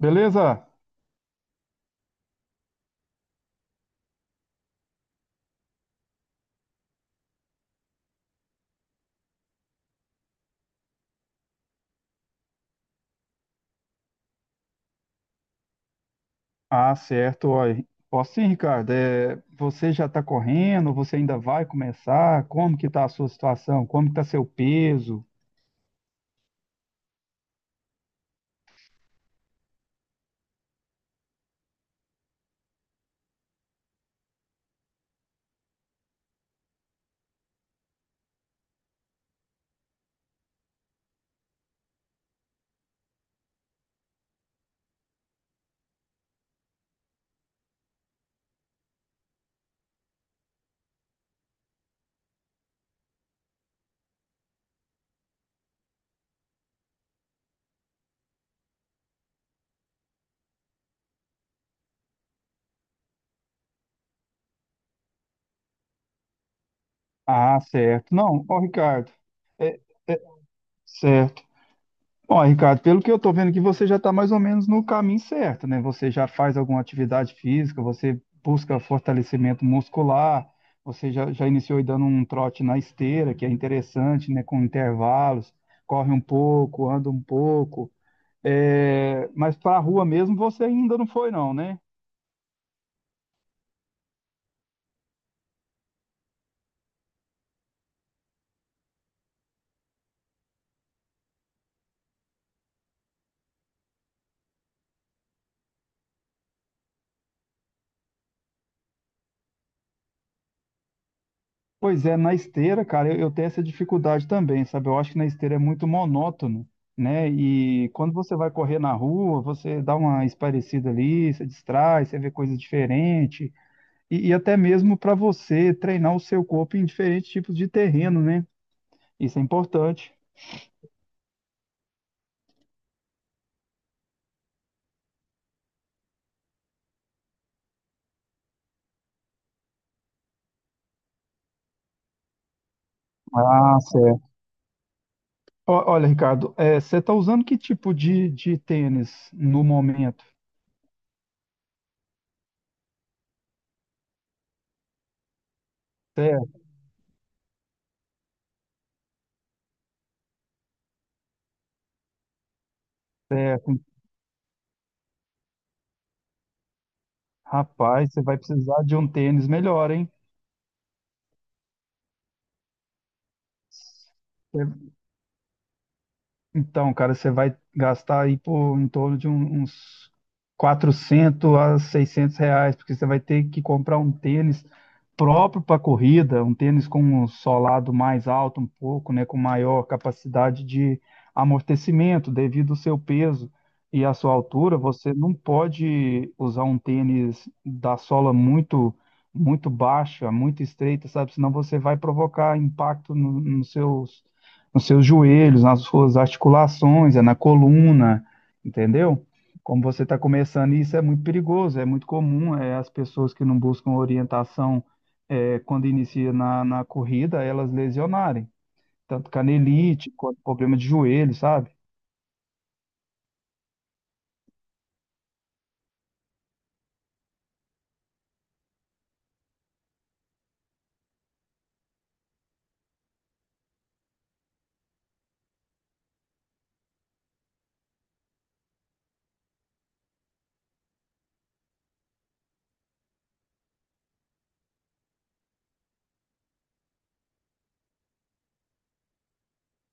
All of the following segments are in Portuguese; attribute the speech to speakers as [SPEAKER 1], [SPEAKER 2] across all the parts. [SPEAKER 1] Beleza? Ah, certo. Olha, posso sim, Ricardo. É, você já está correndo? Você ainda vai começar? Como que está a sua situação? Como que está seu peso? Ah, certo. Não, ó, Ricardo. é, é, certo. Ó, Ricardo, pelo que eu estou vendo que você já está mais ou menos no caminho certo, né? Você já faz alguma atividade física, você busca fortalecimento muscular, você já iniciou aí dando um trote na esteira, que é interessante, né? Com intervalos, corre um pouco, anda um pouco. É, mas para a rua mesmo você ainda não foi, não, né? Pois é, na esteira, cara, eu tenho essa dificuldade também, sabe? Eu acho que na esteira é muito monótono, né? E quando você vai correr na rua, você dá uma espairecida ali, você distrai, você vê coisas diferentes. E até mesmo para você treinar o seu corpo em diferentes tipos de terreno, né? Isso é importante. Ah, certo. Olha, Ricardo, é, você está usando que tipo de tênis no momento? Certo. Rapaz, você vai precisar de um tênis melhor, hein? Você então, cara, você vai gastar aí por em torno de uns 400 a 600 reais, porque você vai ter que comprar um tênis próprio para corrida, um tênis com um solado mais alto um pouco, né, com maior capacidade de amortecimento devido ao seu peso e à sua altura. Você não pode usar um tênis da sola muito muito baixa, muito estreita, sabe? Senão você vai provocar impacto no, nos seus joelhos, nas suas articulações, é na coluna, entendeu? Como você está começando, isso é muito perigoso, é muito comum, é, as pessoas que não buscam orientação é, quando inicia na corrida, elas lesionarem, tanto canelite, quanto problema de joelho, sabe?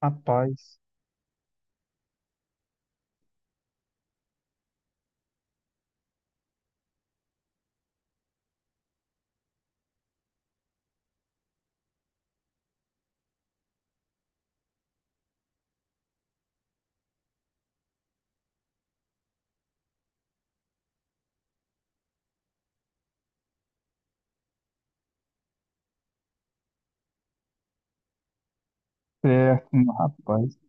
[SPEAKER 1] Rapaz, certo, rapaz.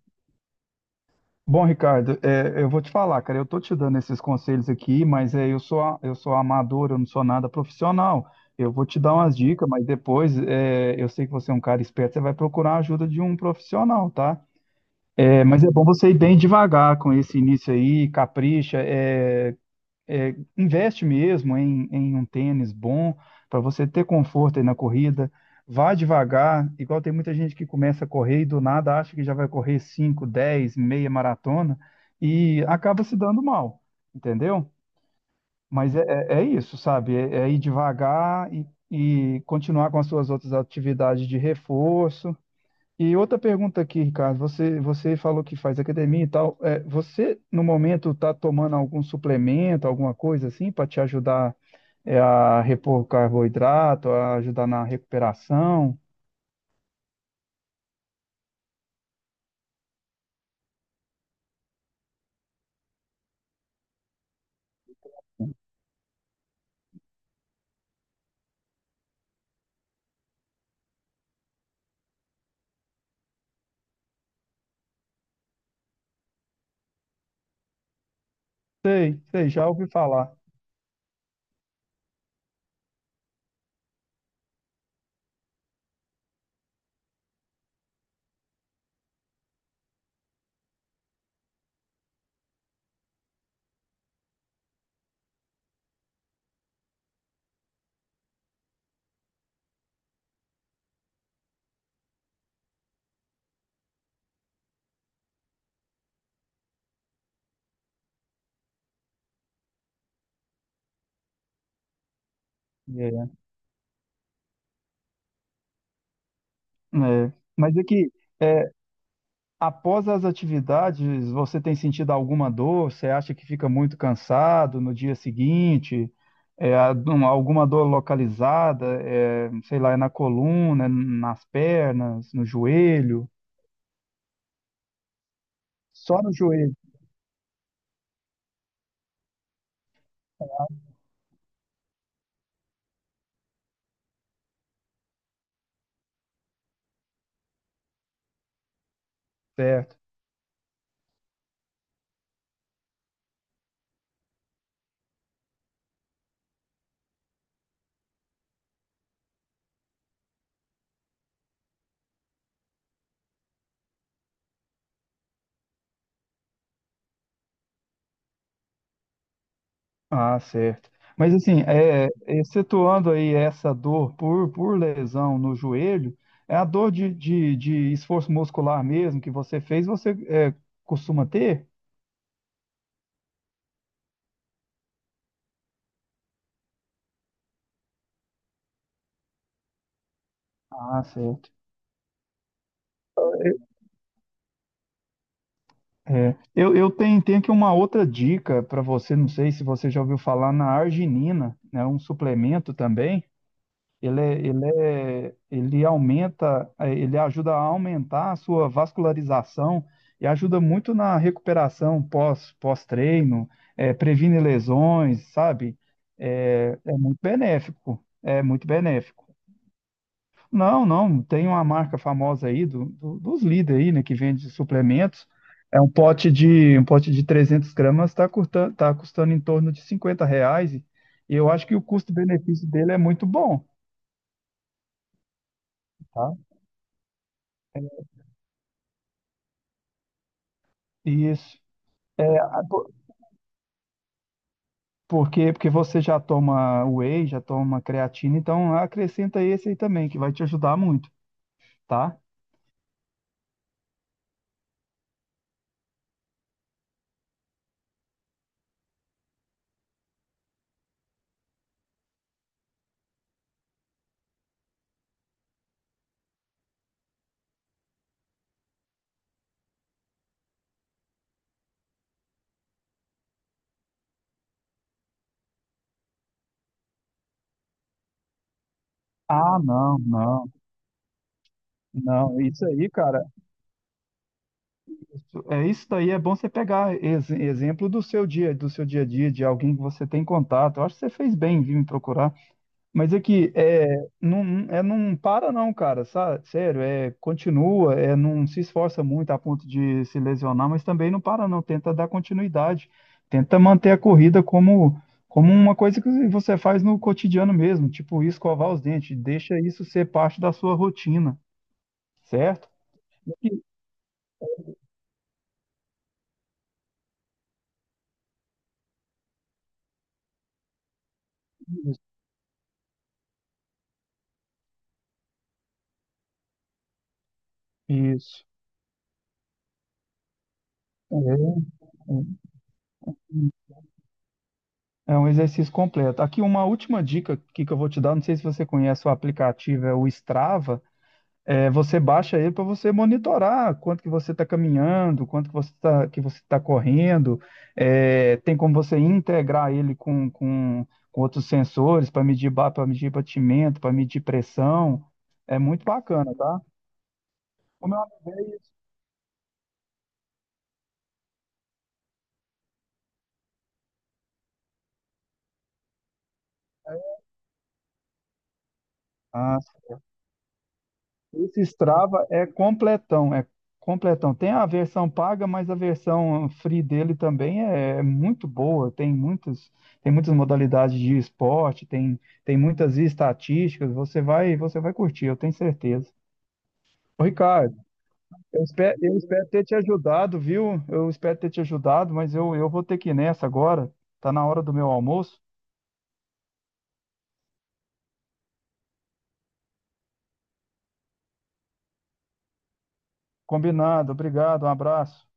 [SPEAKER 1] Bom, Ricardo, é, eu vou te falar, cara, eu tô te dando esses conselhos aqui, mas é, eu sou, eu sou amador, eu não sou nada profissional. Eu vou te dar umas dicas, mas depois é, eu sei que você é um cara esperto, você vai procurar a ajuda de um profissional, tá? É, mas é bom você ir bem devagar com esse início aí, capricha. Investe mesmo em um tênis bom para você ter conforto aí na corrida. Vá devagar, igual tem muita gente que começa a correr e do nada acha que já vai correr 5, 10, meia maratona e acaba se dando mal, entendeu? Mas é, é isso, sabe? É ir devagar e continuar com as suas outras atividades de reforço, e outra pergunta aqui, Ricardo. Você falou que faz academia e tal. É, você, no momento, está tomando algum suplemento, alguma coisa assim, para te ajudar, é, a repor carboidrato, a ajudar na recuperação? Sei, sei, já ouvi falar. É, é. Mas aqui, após as atividades, você tem sentido alguma dor? Você acha que fica muito cansado no dia seguinte? É, algum- alguma dor localizada? É, sei lá, é na coluna, é nas pernas, no joelho? Só no joelho, certo? Ah, certo. Mas assim, é, excetuando aí essa dor por lesão no joelho, é a dor de esforço muscular mesmo que você fez, você é, costuma ter? Ah, certo. É, eu tenho aqui uma outra dica para você, não sei se você já ouviu falar na arginina, né, um suplemento também. Ele, aumenta, eh, ele ajuda a aumentar a sua vascularização e ajuda muito na recuperação pós-treino, eh, previne lesões, sabe? É, é muito benéfico, é muito benéfico. Não, não, tem uma marca famosa aí dos líder aí, né, que vende suplementos. É um pote de 300 gramas está custando, tá custando em torno de R$ 50 e eu acho que o custo-benefício dele é muito bom, tá? É, isso. É, por quê? Porque você já toma whey, já toma creatina, então acrescenta esse aí também, que vai te ajudar muito, tá? Ah, não, não, não. Isso aí, cara, é, isso daí é bom você pegar exemplo do seu dia a dia, de alguém que você tem contato. Eu acho que você fez bem em vir me procurar. Mas é que não, é, não para não, cara, sabe? Sério, é, continua, é, não se esforça muito a ponto de se lesionar, mas também não para não, tenta dar continuidade, tenta manter a corrida como uma coisa que você faz no cotidiano mesmo, tipo escovar os dentes, deixa isso ser parte da sua rotina, certo? Isso. Isso. É. É um exercício completo. Aqui uma última dica que eu vou te dar, não sei se você conhece o aplicativo, é o Strava. É, você baixa ele para você monitorar quanto que você está caminhando, quanto que você tá correndo. É, tem como você integrar ele com outros sensores para medir batimento, para medir pressão. É muito bacana, tá? O meu amigo é isso. Ah, esse Strava é completão, é completão. Tem a versão paga, mas a versão free dele também é muito boa. Tem muitas modalidades de esporte, tem muitas estatísticas. Você vai curtir, eu tenho certeza. Ô, Ricardo, eu espero ter te ajudado, viu? Eu espero ter te ajudado, mas eu vou ter que ir nessa agora. Tá na hora do meu almoço. Combinado, obrigado, um abraço.